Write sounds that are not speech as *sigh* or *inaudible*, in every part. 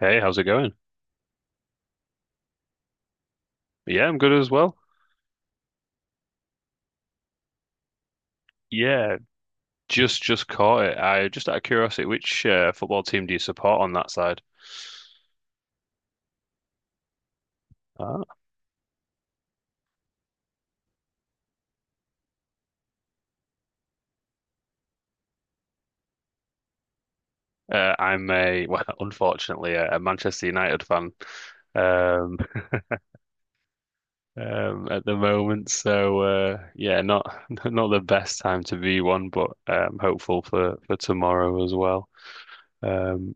Hey, how's it going? Yeah, I'm good as well. Yeah, just caught it. I just out of curiosity, which football team do you support on that side? Ah. I'm a, well, *laughs* unfortunately, a Manchester United fan um, *laughs* at the moment. So yeah, not *laughs* not the best time to be one, but hopeful for tomorrow as well. Um,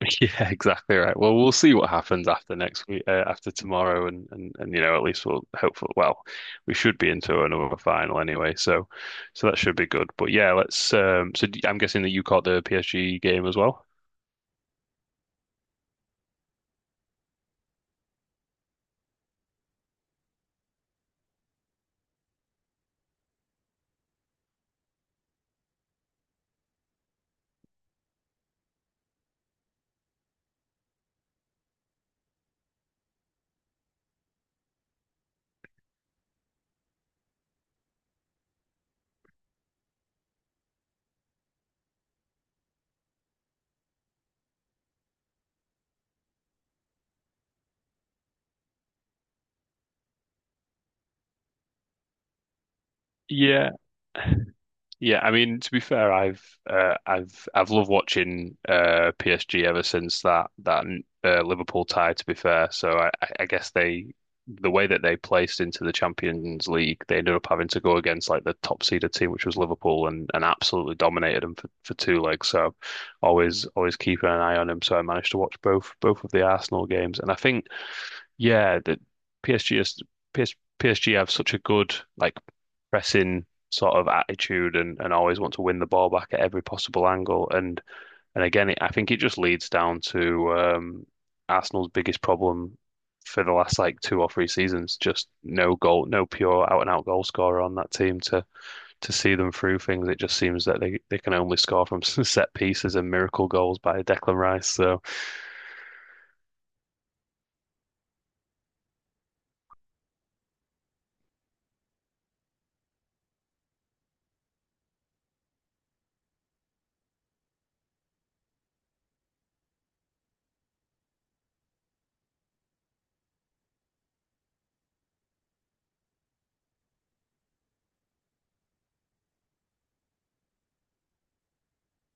*laughs* Yeah, exactly right. Well, we'll see what happens after next week, after tomorrow, and at least we'll hopefully. Well, we should be into another final anyway, so that should be good. But yeah, let's. So I'm guessing that you caught the PSG game as well. Yeah, yeah, I mean, to be fair, I've loved watching PSG ever since that Liverpool tie. To be fair, so I guess the way that they placed into the Champions League, they ended up having to go against like the top seeded team, which was Liverpool, and absolutely dominated them for two legs. So always keeping an eye on him. So I managed to watch both of the Arsenal games, and I think yeah, that PSG is PS, PSG have such a good like pressing sort of attitude. And always want to win the ball back at every possible angle. And again, I think it just leads down to Arsenal's biggest problem for the last like two or three seasons. Just no goal, no pure out and out goal scorer on that team to see them through things. It just seems that they can only score from *laughs* set pieces and miracle goals by Declan Rice. So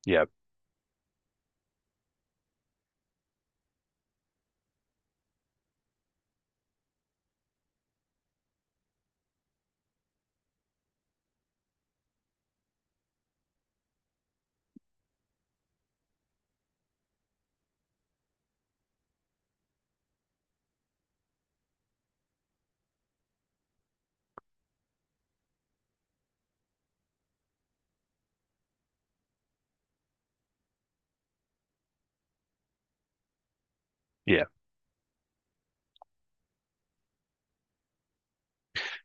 yeah, yeah.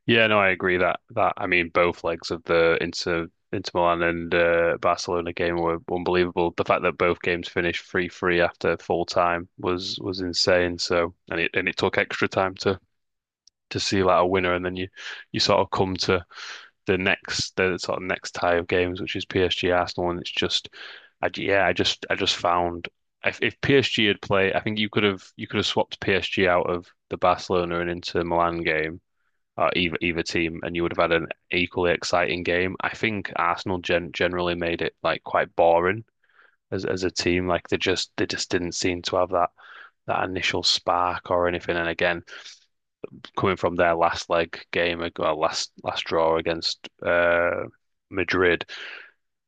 Yeah, no, I agree that I mean both legs of the Inter Milan and Barcelona game were unbelievable. The fact that both games finished 3-3 after full time was insane. So and it took extra time to see like a winner, and then you sort of come to the sort of next tie of games, which is PSG Arsenal, and it's just yeah, I just found if PSG had played, I think you could have swapped PSG out of the Barcelona and Inter Milan game, either team, and you would have had an equally exciting game. I think Arsenal generally made it like quite boring as a team. Like they just didn't seem to have that initial spark or anything. And again, coming from their last leg game, well, last draw against Madrid,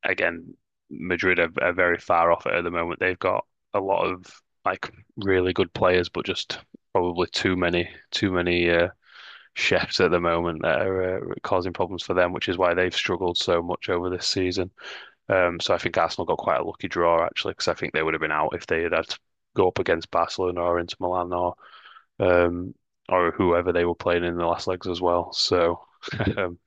again, Madrid are very far off it at the moment. They've got a lot of like really good players, but just probably too many chefs at the moment that are causing problems for them, which is why they've struggled so much over this season. So I think Arsenal got quite a lucky draw actually, because I think they would have been out if they had had to go up against Barcelona or Inter Milan um, or whoever they were playing in the last legs as well. So um,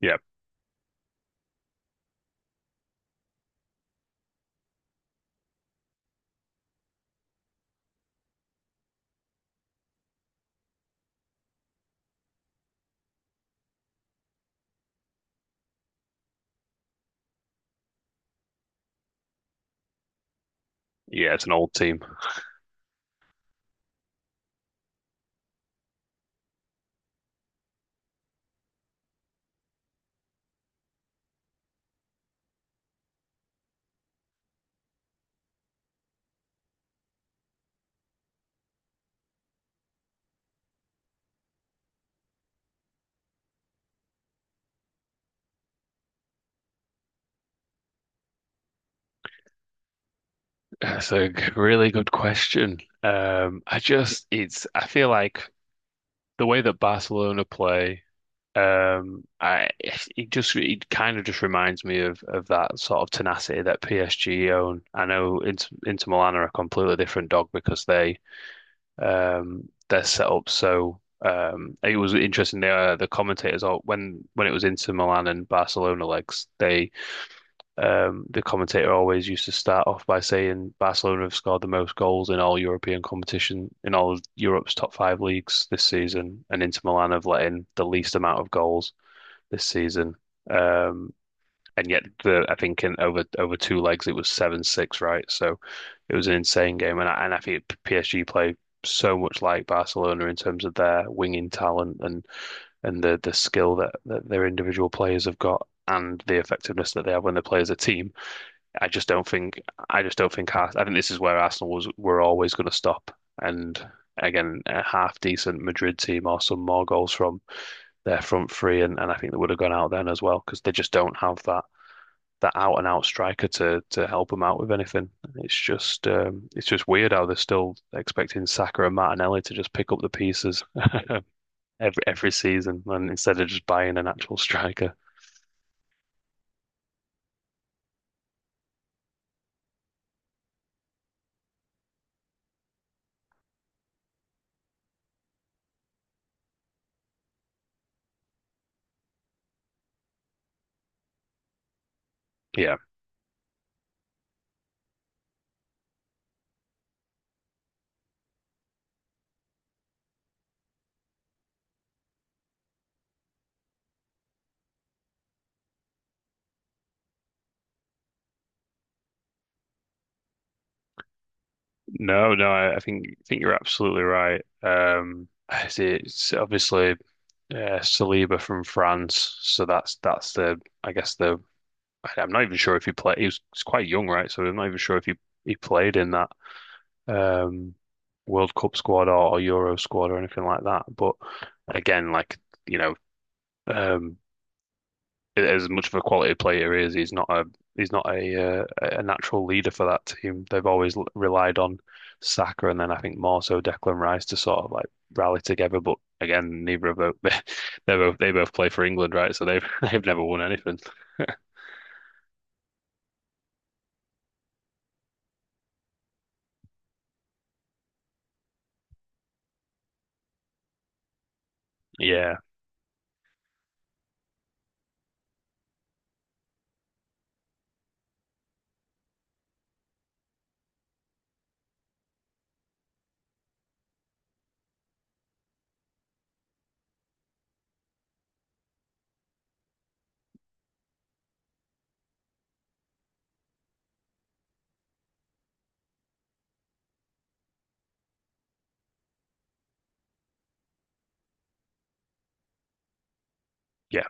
yeah, yeah, it's an old team. *laughs* That's a really good question. I just it's I feel like the way that Barcelona play. I it just it kind of just reminds me of that sort of tenacity that PSG own. I know Inter Milan are a completely different dog because they're set up so, it was interesting, the the commentators all when it was Inter Milan and Barcelona legs, the commentator always used to start off by saying Barcelona have scored the most goals in all European competition in all of Europe's top five leagues this season, and Inter Milan have let in the least amount of goals this season. Um, and yet, the I think in over two legs it was 7-6, right? So it was an insane game, and I think PSG play so much like Barcelona in terms of their winging talent and the skill that their individual players have got. And the effectiveness that they have when they play as a team, I just don't think. I just don't think. I think this is where Arsenal was were always going to stop. And again, a half decent Madrid team or some more goals from their front three, and I think they would have gone out then as well because they just don't have that out and out striker to help them out with anything. It's just it's just weird how they're still expecting Saka and Martinelli to just pick up the pieces *laughs* every season, and instead of just buying an actual striker. Yeah, no, no, I think you're absolutely right. It's obviously Saliba from France, so that's the, I guess, the, I'm not even sure if he played. He's quite young, right? So I'm not even sure if he played in that um, World Cup squad or Euro squad or anything like that. But again, like you know, um, as much of a quality player he is, he's not a natural leader for that team. They've always relied on Saka, and then I think more so Declan Rice to sort of like rally together. But again, neither of them *laughs* they both play for England, right? So they've *laughs* they've never won anything. *laughs* Yeah, yeah.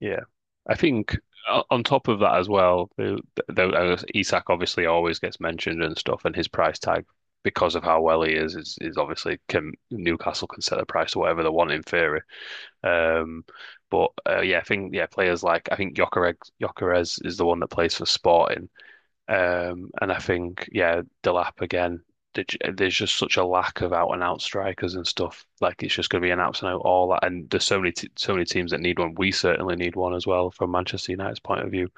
Yeah, I think on top of that as well, the Isak obviously always gets mentioned and stuff, and his price tag because of how well he is, is obviously, can Newcastle can set the price to whatever they want in theory. Um, but yeah, I think players like I think Gyökeres is the one that plays for Sporting. And I think, yeah, Delap again, there's just such a lack of out and out strikers and stuff. Like it's just going to be an out and out all that. And there's so many t so many teams that need one. We certainly need one as well from Manchester United's point of view.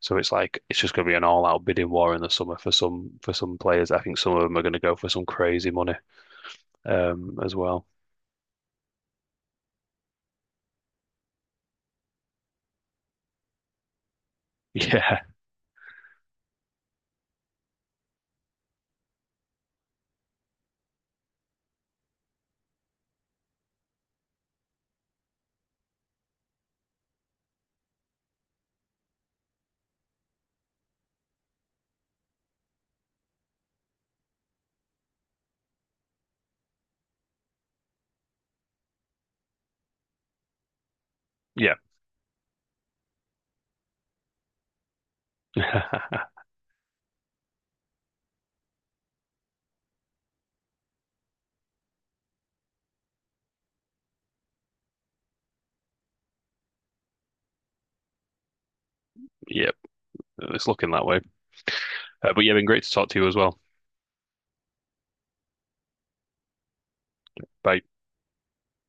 So it's like it's just going to be an all out bidding war in the summer for some players. I think some of them are going to go for some crazy money as well. Yeah, yeah, *laughs* yep. It's looking that way. But yeah, been great to talk to you as well. Bye.